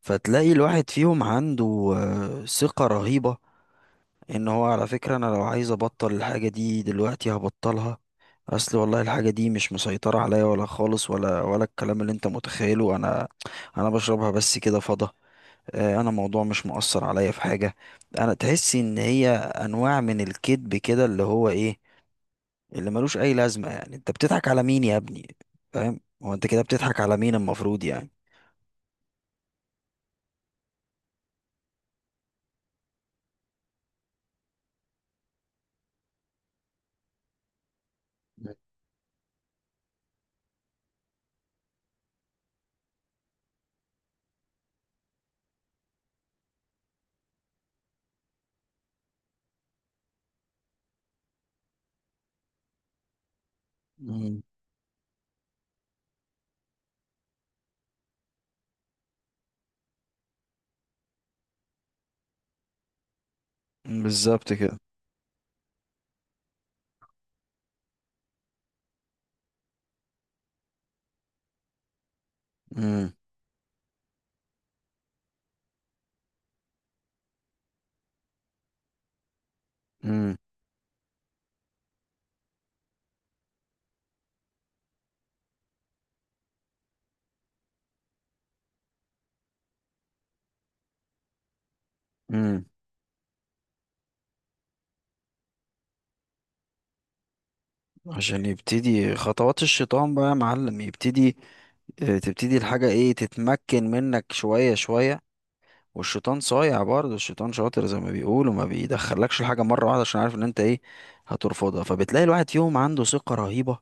فتلاقي الواحد فيهم عنده ثقة رهيبة. ان هو على فكرة انا لو عايز ابطل الحاجة دي دلوقتي هبطلها. اصل والله الحاجة دي مش مسيطرة عليا ولا خالص، ولا الكلام اللي انت متخيله. انا بشربها بس كده فضة. انا الموضوع مش مؤثر عليا في حاجة. انا تحس ان هي انواع من الكذب كده، اللي هو ايه، اللي ملوش اي لازمة. يعني انت بتضحك على مين يا ابني؟ فاهم؟ هو انت كده بتضحك على مين المفروض يعني؟ مم. بالظبط كده. امم. امم. عشان يبتدي خطوات الشيطان بقى يا معلم، يبتدي. تبتدي الحاجة ايه، تتمكن منك شوية شوية. والشيطان صايع، برضه الشيطان شاطر زي ما بيقولوا، ما بيدخلكش الحاجة مرة واحدة عشان عارف ان انت ايه، هترفضها. فبتلاقي الواحد فيهم عنده ثقة رهيبة،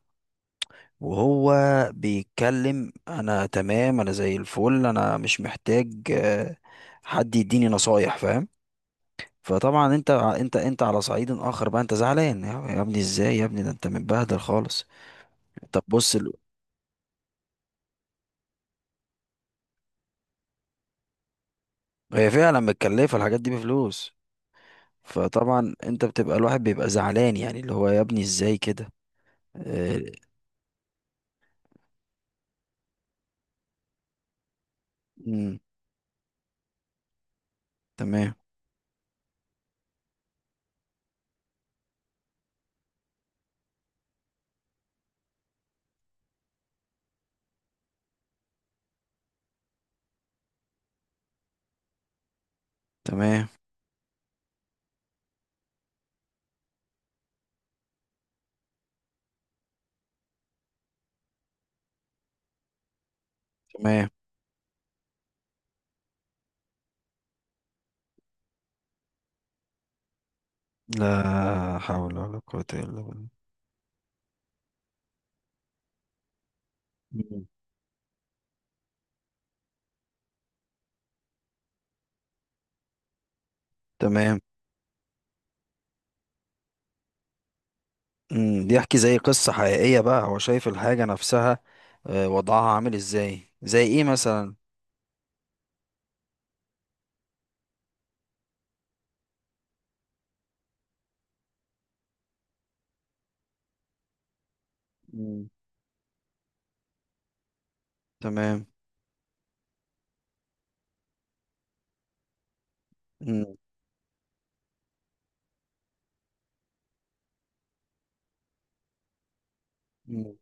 وهو بيتكلم انا تمام، انا زي الفل، انا مش محتاج حد يديني نصايح، فاهم. فطبعا انت على صعيد اخر بقى، انت زعلان يا ابني، ازاي يا ابني، ده انت متبهدل خالص. طب بص. هي فعلا متكلفة الحاجات دي بفلوس. فطبعا انت بتبقى الواحد بيبقى زعلان، يعني اللي هو يا ابني ازاي كده. آه، مم، تمام، تمام، تمام. لا حول ولا قوة الا بالله. مم. تمام. مم، بيحكي زي قصة حقيقية بقى، هو شايف الحاجة نفسها. آه، وضعها عامل ازاي، زي ايه مثلا؟ مم، تمام، مم، مم،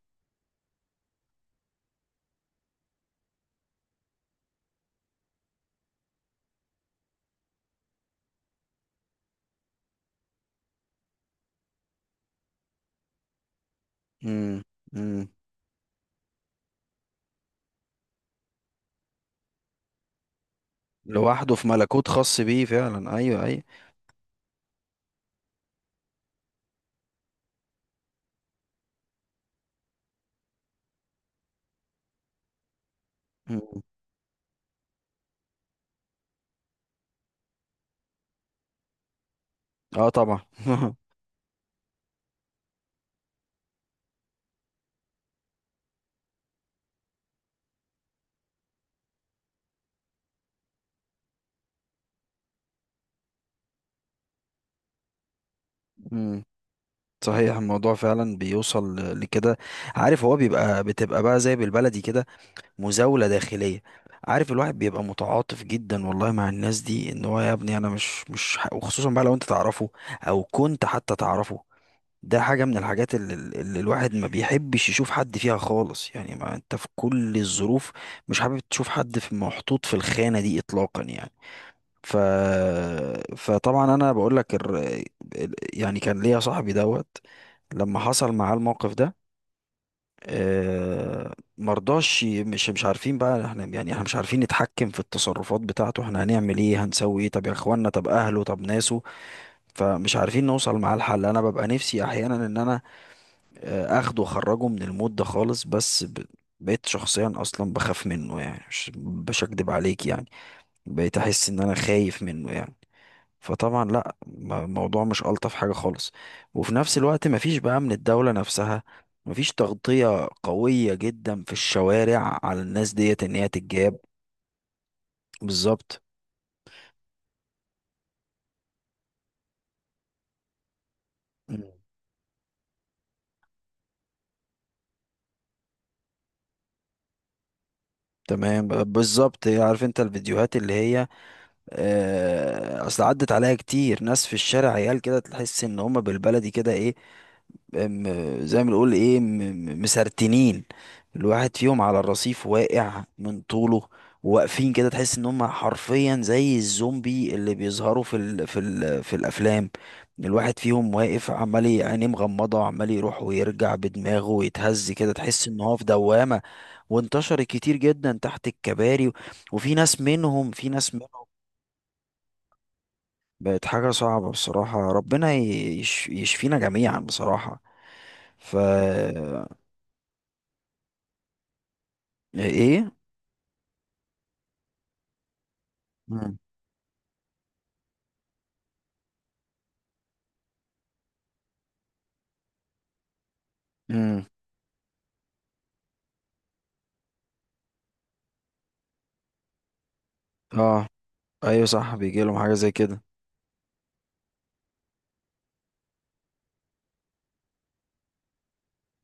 مم، مم. لوحده في ملكوت خاص بيه، فعلا، ايوه ايوه. مم. اه طبعا مم. صحيح الموضوع فعلا بيوصل لكده. عارف، هو بيبقى بتبقى بقى زي بالبلدي كده، مزاولة داخلية. عارف الواحد بيبقى متعاطف جدا والله مع الناس دي، ان هو يا ابني انا مش وخصوصا بقى لو انت تعرفه، او كنت حتى تعرفه. ده حاجة من الحاجات اللي الواحد ما بيحبش يشوف حد فيها خالص، يعني. ما انت في كل الظروف مش حابب تشوف حد في محطوط في الخانة دي اطلاقا يعني. ف... فطبعا انا بقول لك، يعني كان ليا صاحبي دوت. لما حصل معاه الموقف ده، مرضاش مش عارفين بقى احنا، يعني احنا مش عارفين نتحكم في التصرفات بتاعته. احنا هنعمل ايه، هنسوي ايه، طب يا اخوانا، طب اهله، طب ناسه. فمش عارفين نوصل معاه الحل. انا ببقى نفسي احيانا ان انا اخده واخرجه من المود ده خالص، بس. بقيت شخصيا اصلا بخاف منه، يعني مش هكدب عليك يعني. بقيت احس ان انا خايف منه يعني. فطبعا لا، الموضوع مش ألطف حاجة خالص. وفي نفس الوقت مفيش بقى من الدولة نفسها، مفيش تغطية قوية جدا في الشوارع على الناس ديت ان هي تتجاب. بالظبط. مم. تمام، بالظبط. عارف انت الفيديوهات اللي هي، اصل عدت عليها كتير، ناس في الشارع عيال كده تحس ان هما بالبلدي كده، ايه، زي ما بنقول ايه، مسرتنين. الواحد فيهم على الرصيف واقع من طوله، واقفين كده تحس ان هم حرفيا زي الزومبي اللي بيظهروا في الافلام. الواحد فيهم واقف عمال عينيه مغمضه، عمال يروح ويرجع بدماغه ويتهز كده، تحس ان هو في دوامه. وانتشرت كتير جدا تحت الكباري وفي ناس منهم، بقت حاجه صعبه بصراحه. ربنا يشفينا جميعا بصراحه. ف. ايه. امم، امم. اه ايوه صح، بيجي لهم حاجه زي كده.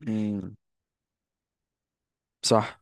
امم. صح.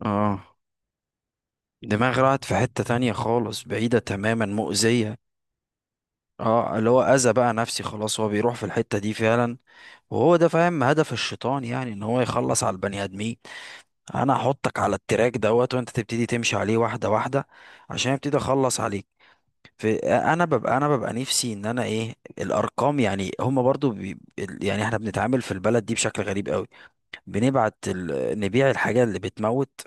اه، دماغ راحت في حته تانية خالص، بعيده تماما، مؤذيه. اه، اللي هو اذى بقى نفسي خلاص، هو بيروح في الحته دي فعلا. وهو ده فاهم هدف الشيطان، يعني ان هو يخلص على البني ادمين. انا احطك على التراك دوت وانت تبتدي تمشي عليه واحده واحده، عشان ابتدي اخلص عليك. في، انا ببقى، نفسي ان انا ايه الارقام، يعني هم برضو يعني احنا بنتعامل في البلد دي بشكل غريب قوي. نبيع الحاجة اللي بتموت،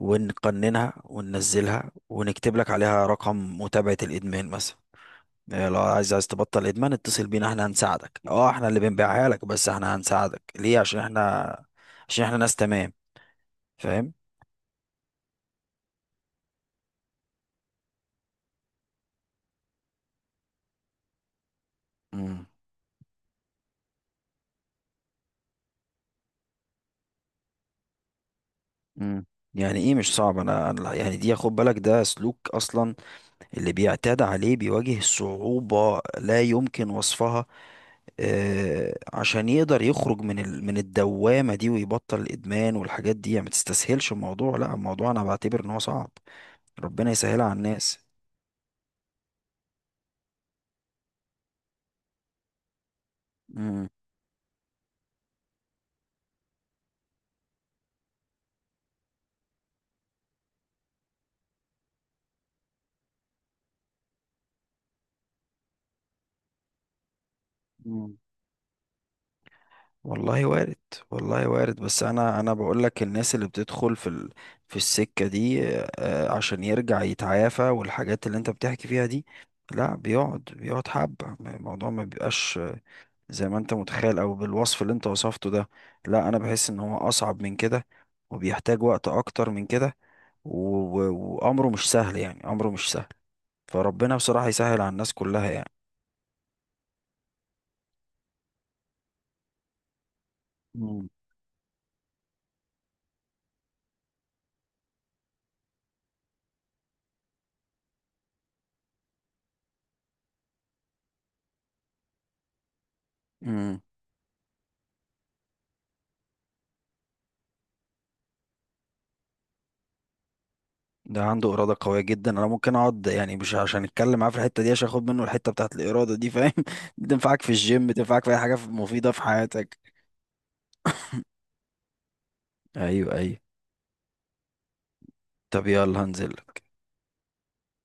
ونقننها وننزلها ونكتب لك عليها رقم متابعة الإدمان مثلا. إيه، لو عايز تبطل إدمان اتصل بينا، احنا هنساعدك. اه احنا اللي بنبيعها لك، بس احنا هنساعدك ليه؟ عشان احنا، عشان احنا ناس تمام، فاهم. امم، امم. يعني ايه مش صعب؟ انا يعني دي، خد بالك، ده سلوك اصلا، اللي بيعتاد عليه بيواجه صعوبة لا يمكن وصفها، عشان يقدر يخرج من الدوامة دي ويبطل الإدمان والحاجات دي، يعني. ما تستسهلش الموضوع، لا الموضوع أنا بعتبر إن هو صعب. ربنا يسهلها على الناس. مم. مم. والله وارد، والله وارد. بس أنا بقول لك، الناس اللي بتدخل في في السكة دي، عشان يرجع يتعافى، والحاجات اللي أنت بتحكي فيها دي، لا بيقعد، حبة الموضوع ما بيبقاش زي ما انت متخيل، او بالوصف اللي انت وصفته ده. لا، انا بحس ان هو اصعب من كده، وبيحتاج وقت اكتر من كده، وامره مش سهل، يعني امره مش سهل. فربنا بصراحة يسهل على الناس كلها يعني. مم. امم. ده عنده إرادة قوية جدا. انا ممكن اقعد، يعني مش عشان اتكلم معاه في الحتة دي، عشان اخد منه الحتة بتاعت الإرادة دي، فاهم. بتنفعك في الجيم، بتنفعك في اي حاجة مفيدة في حياتك. ايوه ايوه. طب يلا هنزل.